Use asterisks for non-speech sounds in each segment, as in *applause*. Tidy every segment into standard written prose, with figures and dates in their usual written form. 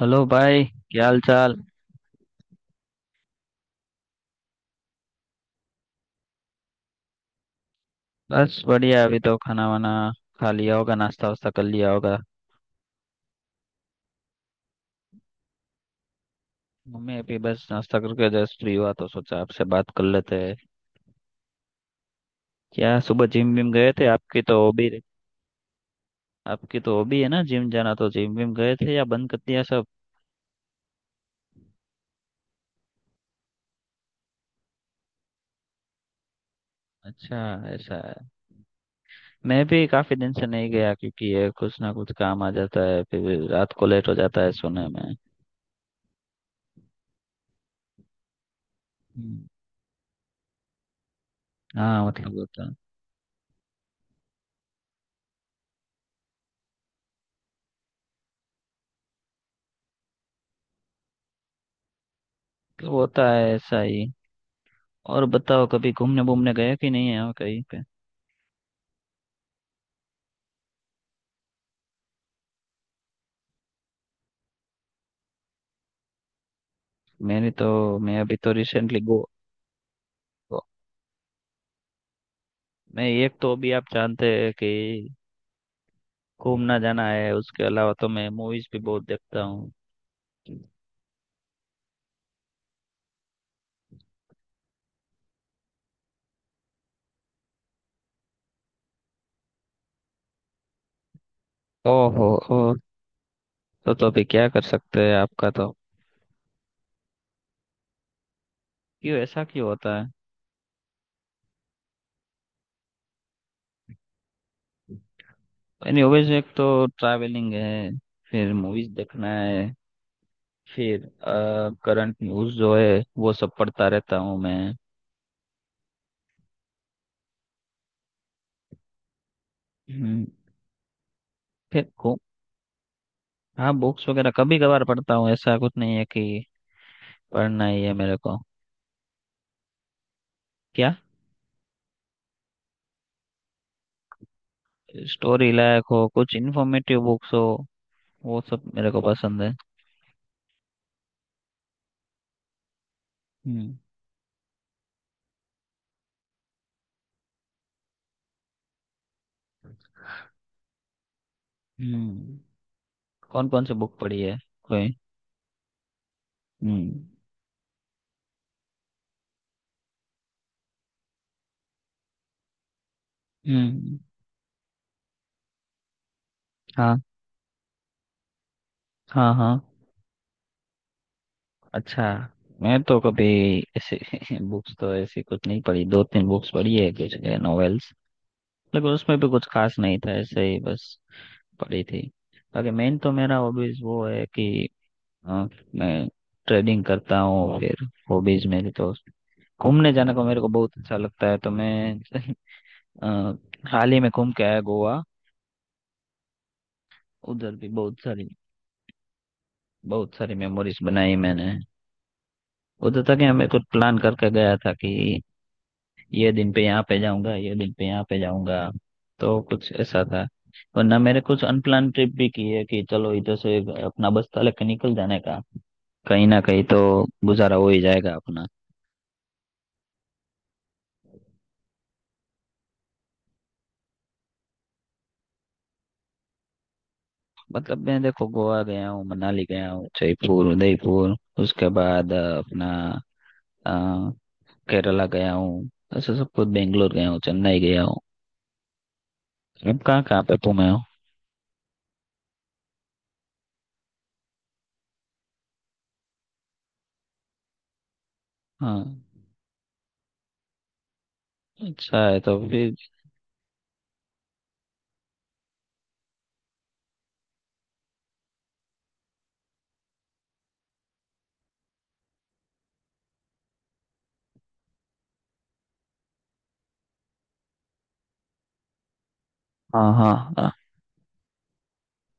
Hello भाई। क्या हाल चाल। बस बढ़िया। अभी तो खाना वाना खा लिया होगा, नाश्ता वास्ता कर लिया होगा। मम्मी अभी बस नाश्ता करके जस्ट फ्री हुआ तो सोचा आपसे बात कर लेते हैं। क्या सुबह जिम विम गए थे? आपकी तो हॉबी है ना, जिम जाना, तो जिम विम गए थे या बंद कर दिया सब? अच्छा। ऐसा है। मैं भी काफी दिन से नहीं गया क्योंकि ये कुछ ना कुछ काम आ जाता है, फिर रात को लेट हो जाता है सोने में। हम्म। हाँ। मतलब होता है ऐसा ही। और बताओ, कभी घूमने घूमने गए कि नहीं है कहीं पे? मैं अभी तो रिसेंटली गो, गो मैं एक तो अभी, आप जानते हैं कि घूमना जाना है, उसके अलावा तो मैं मूवीज भी बहुत देखता हूँ। ओहो। ओ, तो अभी क्या कर सकते हैं आपका तो? क्यों ऐसा क्यों होता है? एनीवेज, एक तो ट्रैवलिंग है, फिर मूवीज देखना है, फिर करंट न्यूज जो है वो सब पढ़ता रहता हूँ मैं। हम्म। फिर को हाँ, बुक्स वगैरह कभी कभार पढ़ता हूँ, ऐसा कुछ नहीं है कि पढ़ना ही है मेरे को। क्या? स्टोरी लायक हो, कुछ इन्फॉर्मेटिव बुक्स हो, वो सब मेरे को पसंद है। हम्म। हम्म। कौन कौन सी बुक पढ़ी है? कोई। हम्म। हम्म। हाँ। हाँ हाँ। अच्छा। मैं तो कभी ऐसे *laughs* बुक्स तो ऐसी कुछ नहीं पढ़ी, 2-3 बुक्स पढ़ी है कुछ नॉवेल्स, लेकिन उसमें भी कुछ खास नहीं था, ऐसे ही बस पढ़ी थी। बाकी मेन तो मेरा हॉबीज वो है कि अ, मैं ट्रेडिंग करता हूँ। फिर हॉबीज मेरी तो, घूमने जाने को मेरे को बहुत अच्छा लगता है, तो मैं *laughs* अ, हाल ही में घूम के आया गोवा। उधर भी बहुत सारी, बहुत सारी मेमोरीज बनाई मैंने। उधर तक मैं कुछ प्लान करके गया था कि ये दिन पे यहाँ पे जाऊंगा, ये दिन पे यहाँ पे जाऊंगा, तो कुछ ऐसा था। वरना मेरे कुछ अनप्लान ट्रिप भी की है कि चलो इधर से अपना बस्ता लेके निकल जाने का, कहीं ना कहीं तो गुजारा हो ही जाएगा अपना। मतलब मैं देखो, गोवा गया हूँ, मनाली गया हूँ, जयपुर, उदयपुर, उसके बाद अपना केरला गया हूँ, ऐसे सब कुछ, बेंगलोर गया हूँ, चेन्नई गया हूँ। अब कहाँ कहाँ पे घूमे हो? हाँ, अच्छा है तो फिर। हाँ हाँ हाँ,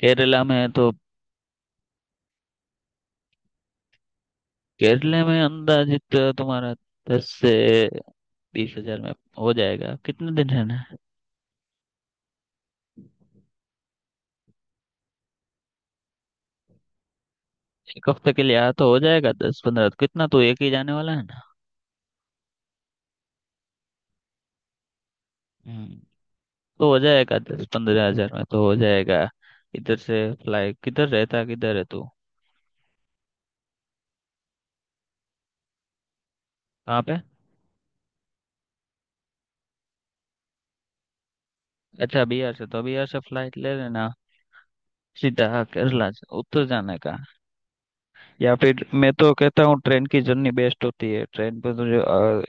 केरला में है तो। केरला में अंदाजित तुम्हारा 10 से 20 हज़ार में हो जाएगा। कितने दिन रहना है? एक हफ्ते के लिए, आया तो हो जाएगा 10-15, कितना, तो एक ही जाने वाला है ना। हम्म। तो हो जाएगा, 10-15 हज़ार में तो हो जाएगा। इधर से फ्लाइट किधर रहता है, किधर है तू? कहाँ पे? अच्छा, बिहार से, तो बिहार से फ्लाइट ले लेना सीधा, केरला से उतर जाने का। या फिर मैं तो कहता हूँ, ट्रेन की जर्नी बेस्ट होती है। ट्रेन पे तुझे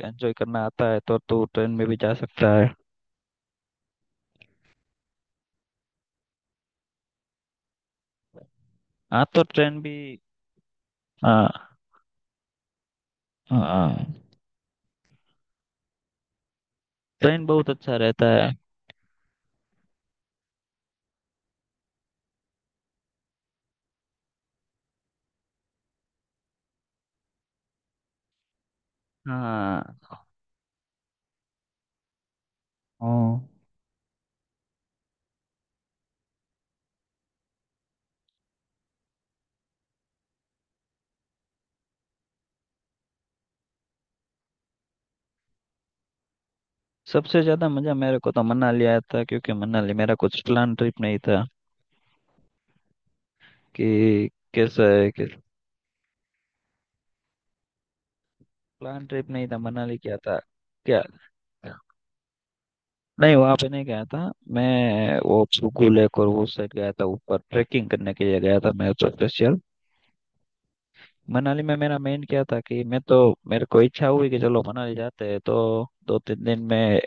एंजॉय करना आता है तो तू ट्रेन में भी जा सकता है। हाँ, तो ट्रेन भी। हाँ हाँ, ट्रेन बहुत अच्छा रहता है। हाँ हाँ। सबसे ज्यादा मजा मेरे को तो मनाली आया था, क्योंकि मनाली मेरा कुछ प्लान ट्रिप नहीं था कि, कैसा है कि, प्लान ट्रिप नहीं था मनाली, क्या था। क्या? नहीं, वहां पे नहीं गया था मैं। वो सुकू लेक और वो साइड गया था ऊपर, ट्रैकिंग करने के लिए गया था मैं तो स्पेशल। मनाली में मेरा मेन क्या था कि मैं तो, मेरे को इच्छा हुई कि चलो मनाली जाते हैं, तो 2-3 दिन में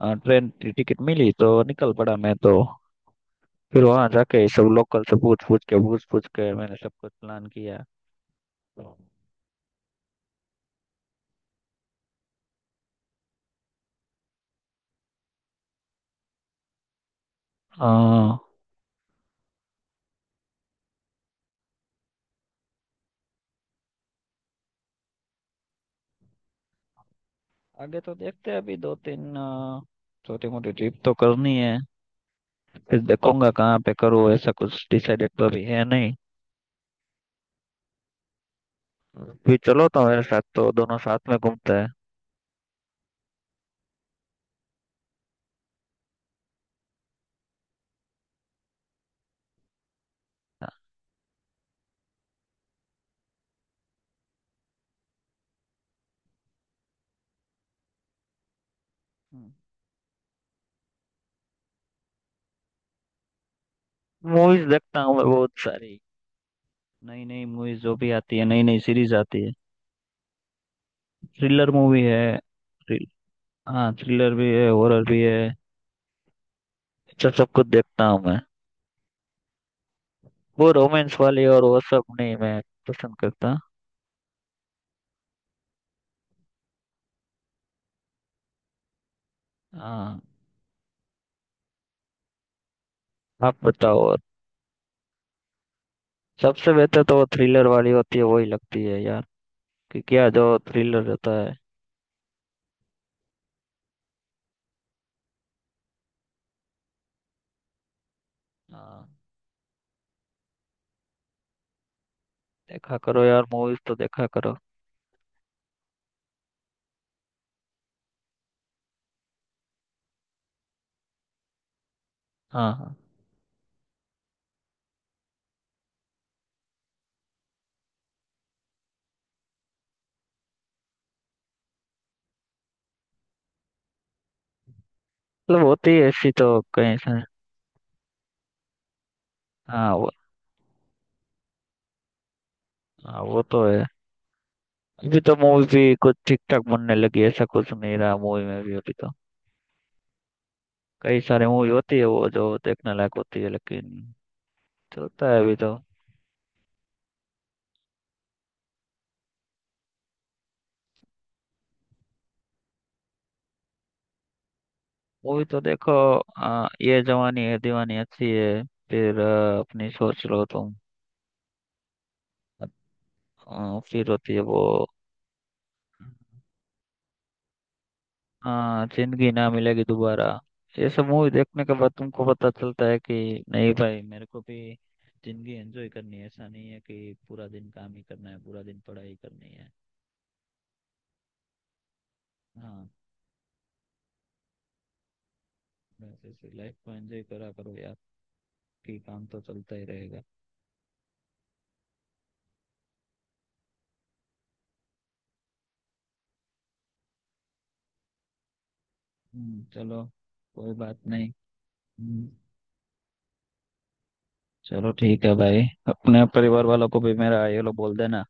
ट्रेन की टिकट मिली तो निकल पड़ा मैं तो। फिर वहां जाके सब लोकल से पूछ पूछ के मैंने सब कुछ प्लान किया। हाँ। आगे तो देखते हैं, अभी 2-3 छोटी मोटी ट्रिप तो करनी है। फिर देखूंगा कहाँ पे करूँ, ऐसा कुछ डिसाइडेड तो अभी है नहीं। भी चलो तो मेरे साथ, तो दोनों साथ में घूमते हैं। हम्म। मूवीज देखता हूँ मैं बहुत सारी, नई नई मूवीज जो भी आती है, नई नई सीरीज आती है। थ्रिलर मूवी है। थ्रिल हाँ, थ्रिलर भी है, हॉरर भी है। अच्छा, सब कुछ देखता हूँ मैं। वो रोमांस वाली और वो सब नहीं मैं पसंद करता। हाँ, आप बताओ। और सबसे बेहतर तो वो थ्रिलर वाली होती है, वही लगती है यार, कि क्या जो थ्रिलर रहता है। हाँ, देखा करो यार, मूवीज तो देखा करो। हाँ हाँ, मतलब होती है ऐसी तो कहीं से। हाँ हाँ, वो तो है। अभी तो मूवी भी कुछ ठीक ठाक बनने लगी, ऐसा कुछ नहीं रहा मूवी में भी। अभी तो कई सारे मूवी होती है वो जो देखने लायक होती है, लेकिन चलता है अभी तो। मूवी तो देखो। ये जवानी है दीवानी अच्छी है। फिर अपनी सोच लो तुम। फिर होती है वो। जिंदगी ना मिलेगी दोबारा। ये सब मूवी देखने के बाद तुमको पता चलता है कि नहीं भाई, मेरे को भी जिंदगी एंजॉय करनी है, ऐसा नहीं है कि पूरा दिन काम ही करना है, पूरा दिन पढ़ाई करनी है। हाँ। बस ऐसे लाइफ को एंजॉय करा करो यार, कि काम तो चलता ही रहेगा। चलो, कोई बात नहीं। हम्म, चलो ठीक है भाई। अपने परिवार वालों को भी मेरा ये लो बोल देना।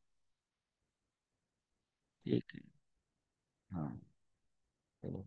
ठीक है। हाँ, चलो।